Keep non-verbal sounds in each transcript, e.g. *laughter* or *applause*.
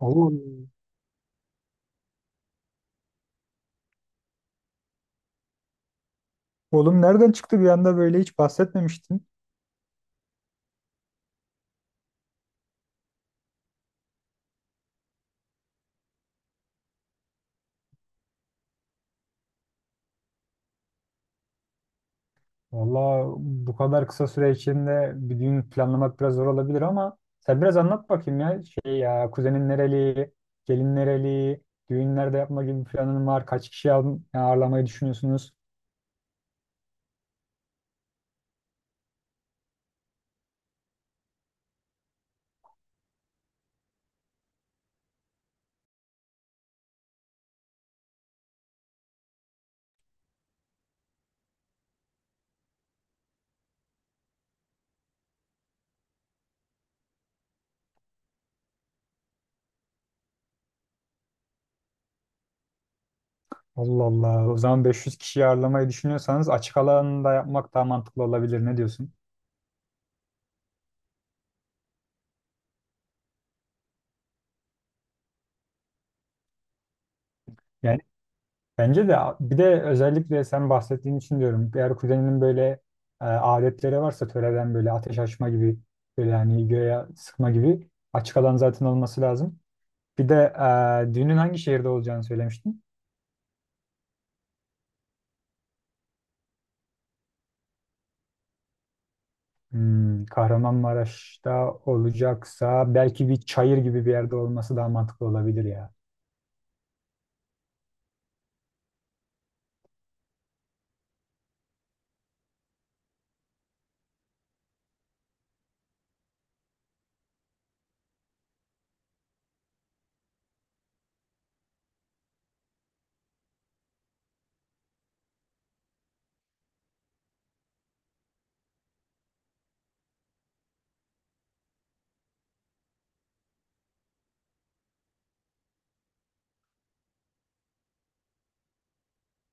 Oğlum, oğlum, bahsetmemiştin. Valla bu kadar kısa süre içinde bir düğün planlamak biraz zor olabilir ama sen biraz anlat bakayım ya. Şey ya kuzenin nereli, gelin nereli, düğün nerede yapma gibi bir planın var. Kaç kişi ağırlamayı düşünüyorsunuz? Allah Allah. O zaman 500 kişi ağırlamayı düşünüyorsanız açık alanda yapmak daha mantıklı olabilir. Ne diyorsun? Yani bence de, bir de özellikle sen bahsettiğin için diyorum. Eğer kuzeninin böyle adetleri varsa töreden böyle ateş açma gibi, böyle hani göğe sıkma gibi, açık alan zaten olması lazım. Bir de düğünün hangi şehirde olacağını söylemiştin. Hmm, Kahramanmaraş'ta olacaksa belki bir çayır gibi bir yerde olması daha mantıklı olabilir ya.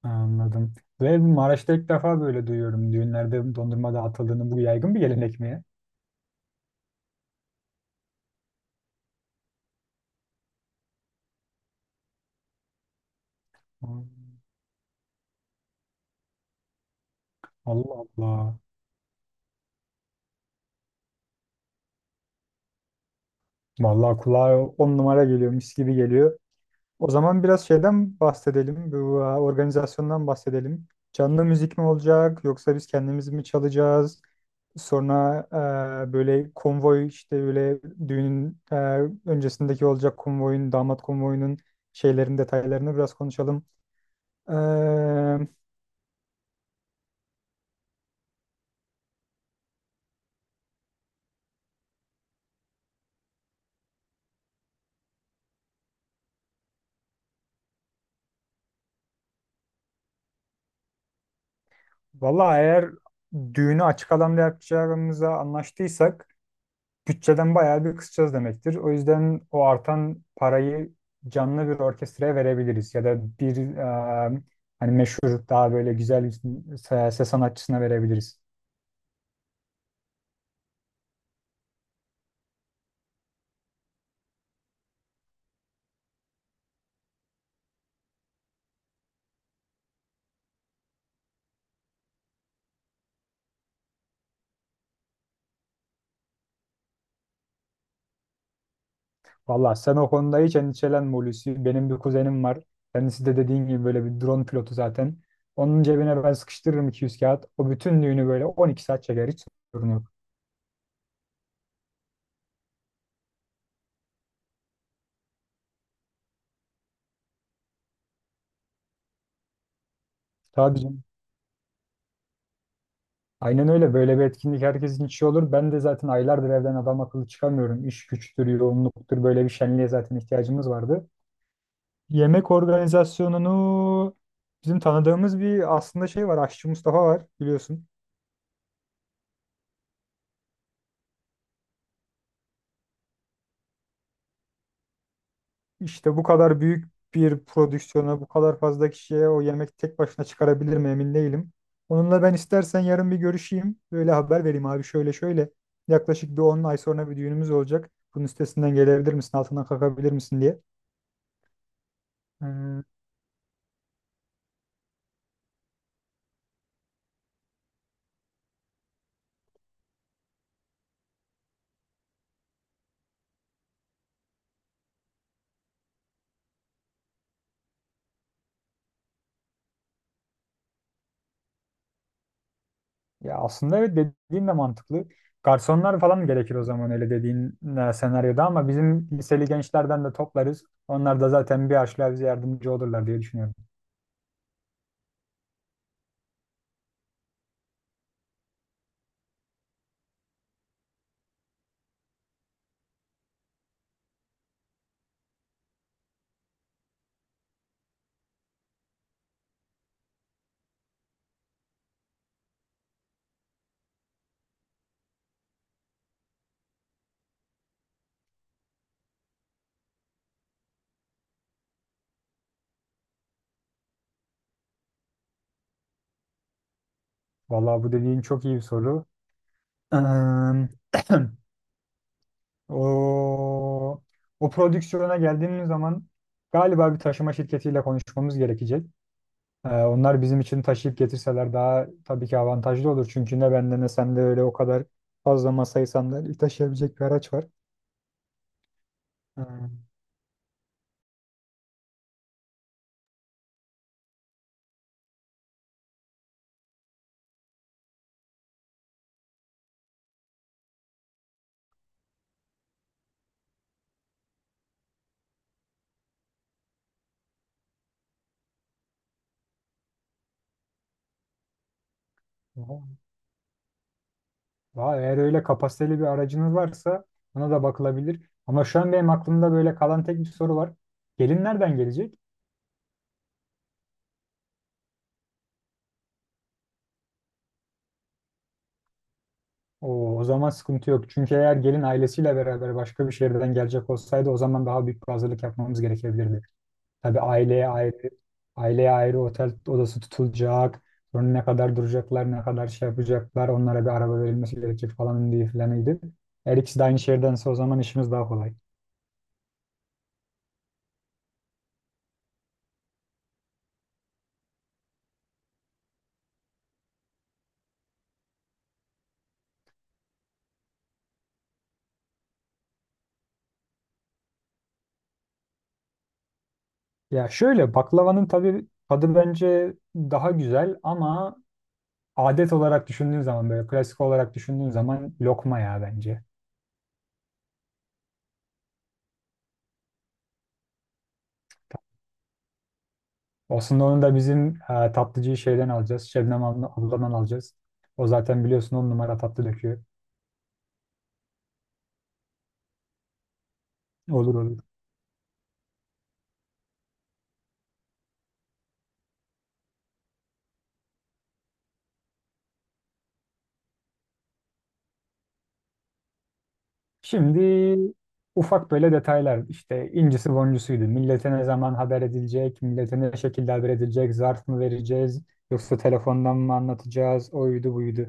Anladım. Ve Maraş'ta ilk defa böyle duyuyorum. Düğünlerde dondurma dağıtıldığını, bu yaygın bir gelenek mi ya? Hmm. Allah Allah. Vallahi kulağa on numara geliyor, mis gibi geliyor. O zaman biraz şeyden bahsedelim, bu organizasyondan bahsedelim. Canlı müzik mi olacak, yoksa biz kendimiz mi çalacağız? Sonra böyle konvoy, işte böyle düğünün, öncesindeki olacak konvoyun, damat konvoyunun şeylerin detaylarını biraz konuşalım. E, vallahi eğer düğünü açık alanda yapacağımıza anlaştıysak bütçeden bayağı bir kısacağız demektir. O yüzden o artan parayı canlı bir orkestraya verebiliriz ya da bir e, hani meşhur daha böyle güzel bir ses sanatçısına verebiliriz. Valla sen o konuda hiç endişelenme, Hulusi. Benim bir kuzenim var. Kendisi de dediğin gibi böyle bir drone pilotu zaten. Onun cebine ben sıkıştırırım 200 kağıt. O bütün düğünü böyle 12 saat çeker. Hiç sorun yok. Tabii, aynen öyle. Böyle bir etkinlik herkesin içi olur. Ben de zaten aylardır evden adam akıllı çıkamıyorum. İş güçtür, yoğunluktur. Böyle bir şenliğe zaten ihtiyacımız vardı. Yemek organizasyonunu bizim tanıdığımız bir aslında şey var. Aşçı Mustafa var, biliyorsun. İşte bu kadar büyük bir prodüksiyona, bu kadar fazla kişiye o yemek tek başına çıkarabilir mi, emin değilim. Onunla ben istersen yarın bir görüşeyim. Böyle haber vereyim, abi şöyle şöyle. Yaklaşık bir 10 ay sonra bir düğünümüz olacak. Bunun üstesinden gelebilir misin, altından kalkabilir misin diye. Ee, Ya aslında evet, dediğin de mantıklı. Garsonlar falan gerekir o zaman öyle dediğin senaryoda ama bizim liseli gençlerden de toplarız. Onlar da zaten bir harçlığa bize yardımcı olurlar diye düşünüyorum. Vallahi bu dediğin çok iyi bir soru. Eee, *clears throat* o, o prodüksiyona geldiğimiz zaman galiba bir taşıma şirketiyle konuşmamız gerekecek. Onlar bizim için taşıyıp getirseler daha tabii ki avantajlı olur. Çünkü ne bende ne sende öyle o kadar fazla masayı sandalyeyi taşıyabilecek bir araç var. Eee, Valla eğer öyle kapasiteli bir aracınız varsa ona da bakılabilir. Ama şu an benim aklımda böyle kalan tek bir soru var. Gelin nereden gelecek? O zaman sıkıntı yok. Çünkü eğer gelin ailesiyle beraber başka bir şehirden gelecek olsaydı, o zaman daha büyük bir hazırlık yapmamız gerekebilirdi. Tabii aileye ayrı otel odası tutulacak. Sonra ne kadar duracaklar, ne kadar şey yapacaklar, onlara bir araba verilmesi gerekecek falan diye filanıydı. Eğer ikisi de aynı şehirdense o zaman işimiz daha kolay. Ya şöyle, baklavanın tabii tadı bence daha güzel ama adet olarak düşündüğün zaman, böyle klasik olarak düşündüğün zaman, lokma ya bence. Aslında onu da bizim tatlıcıyı şeyden alacağız. Abladan alacağız. O zaten biliyorsun on numara tatlı döküyor. Olur olur. Şimdi ufak böyle detaylar işte, incisi boncusuydu. Millete ne zaman haber edilecek, millete ne şekilde haber edilecek, zarf mı vereceğiz yoksa telefondan mı anlatacağız, oydu buydu.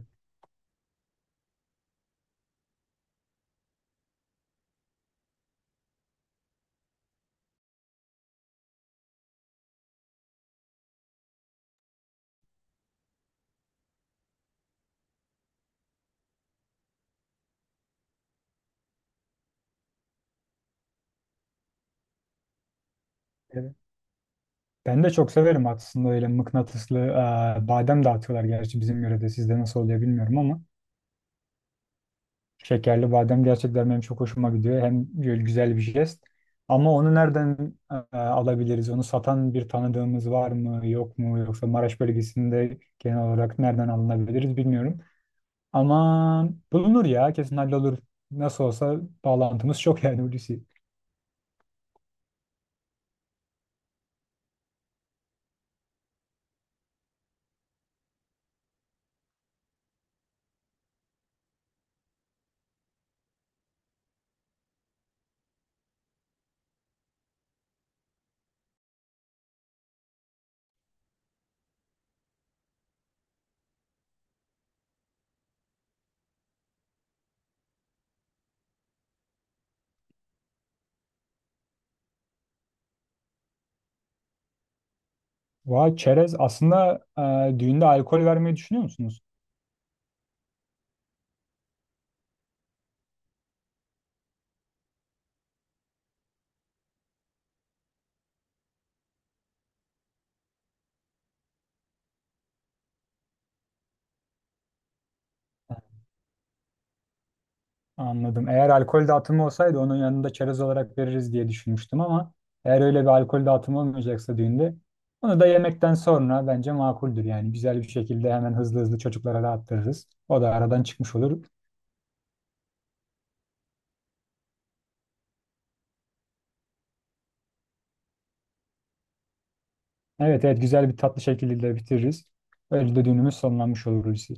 Ben de çok severim aslında öyle mıknatıslı, badem dağıtıyorlar gerçi bizim yörede, sizde nasıl oluyor bilmiyorum ama şekerli badem gerçekten benim çok hoşuma gidiyor. Hem böyle güzel bir jest ama onu nereden alabiliriz? Onu satan bir tanıdığımız var mı yok mu, yoksa Maraş bölgesinde genel olarak nereden alınabiliriz bilmiyorum. Ama bulunur ya, kesin hallolur. Nasıl olsa bağlantımız çok yani, Hulusi. Vay, çerez aslında düğünde alkol vermeyi düşünüyor musunuz? Anladım. Eğer alkol dağıtımı olsaydı onun yanında çerez olarak veririz diye düşünmüştüm ama eğer öyle bir alkol dağıtımı olmayacaksa düğünde, onu da yemekten sonra bence makuldür yani. Güzel bir şekilde hemen hızlı hızlı çocuklara dağıttırırız. O da aradan çıkmış olur. Evet, evet, güzel bir tatlı şekilde bitiririz. Öyle de düğünümüz sonlanmış olur, Hulusi.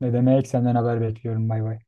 Ne demek, senden haber bekliyorum, bay bay.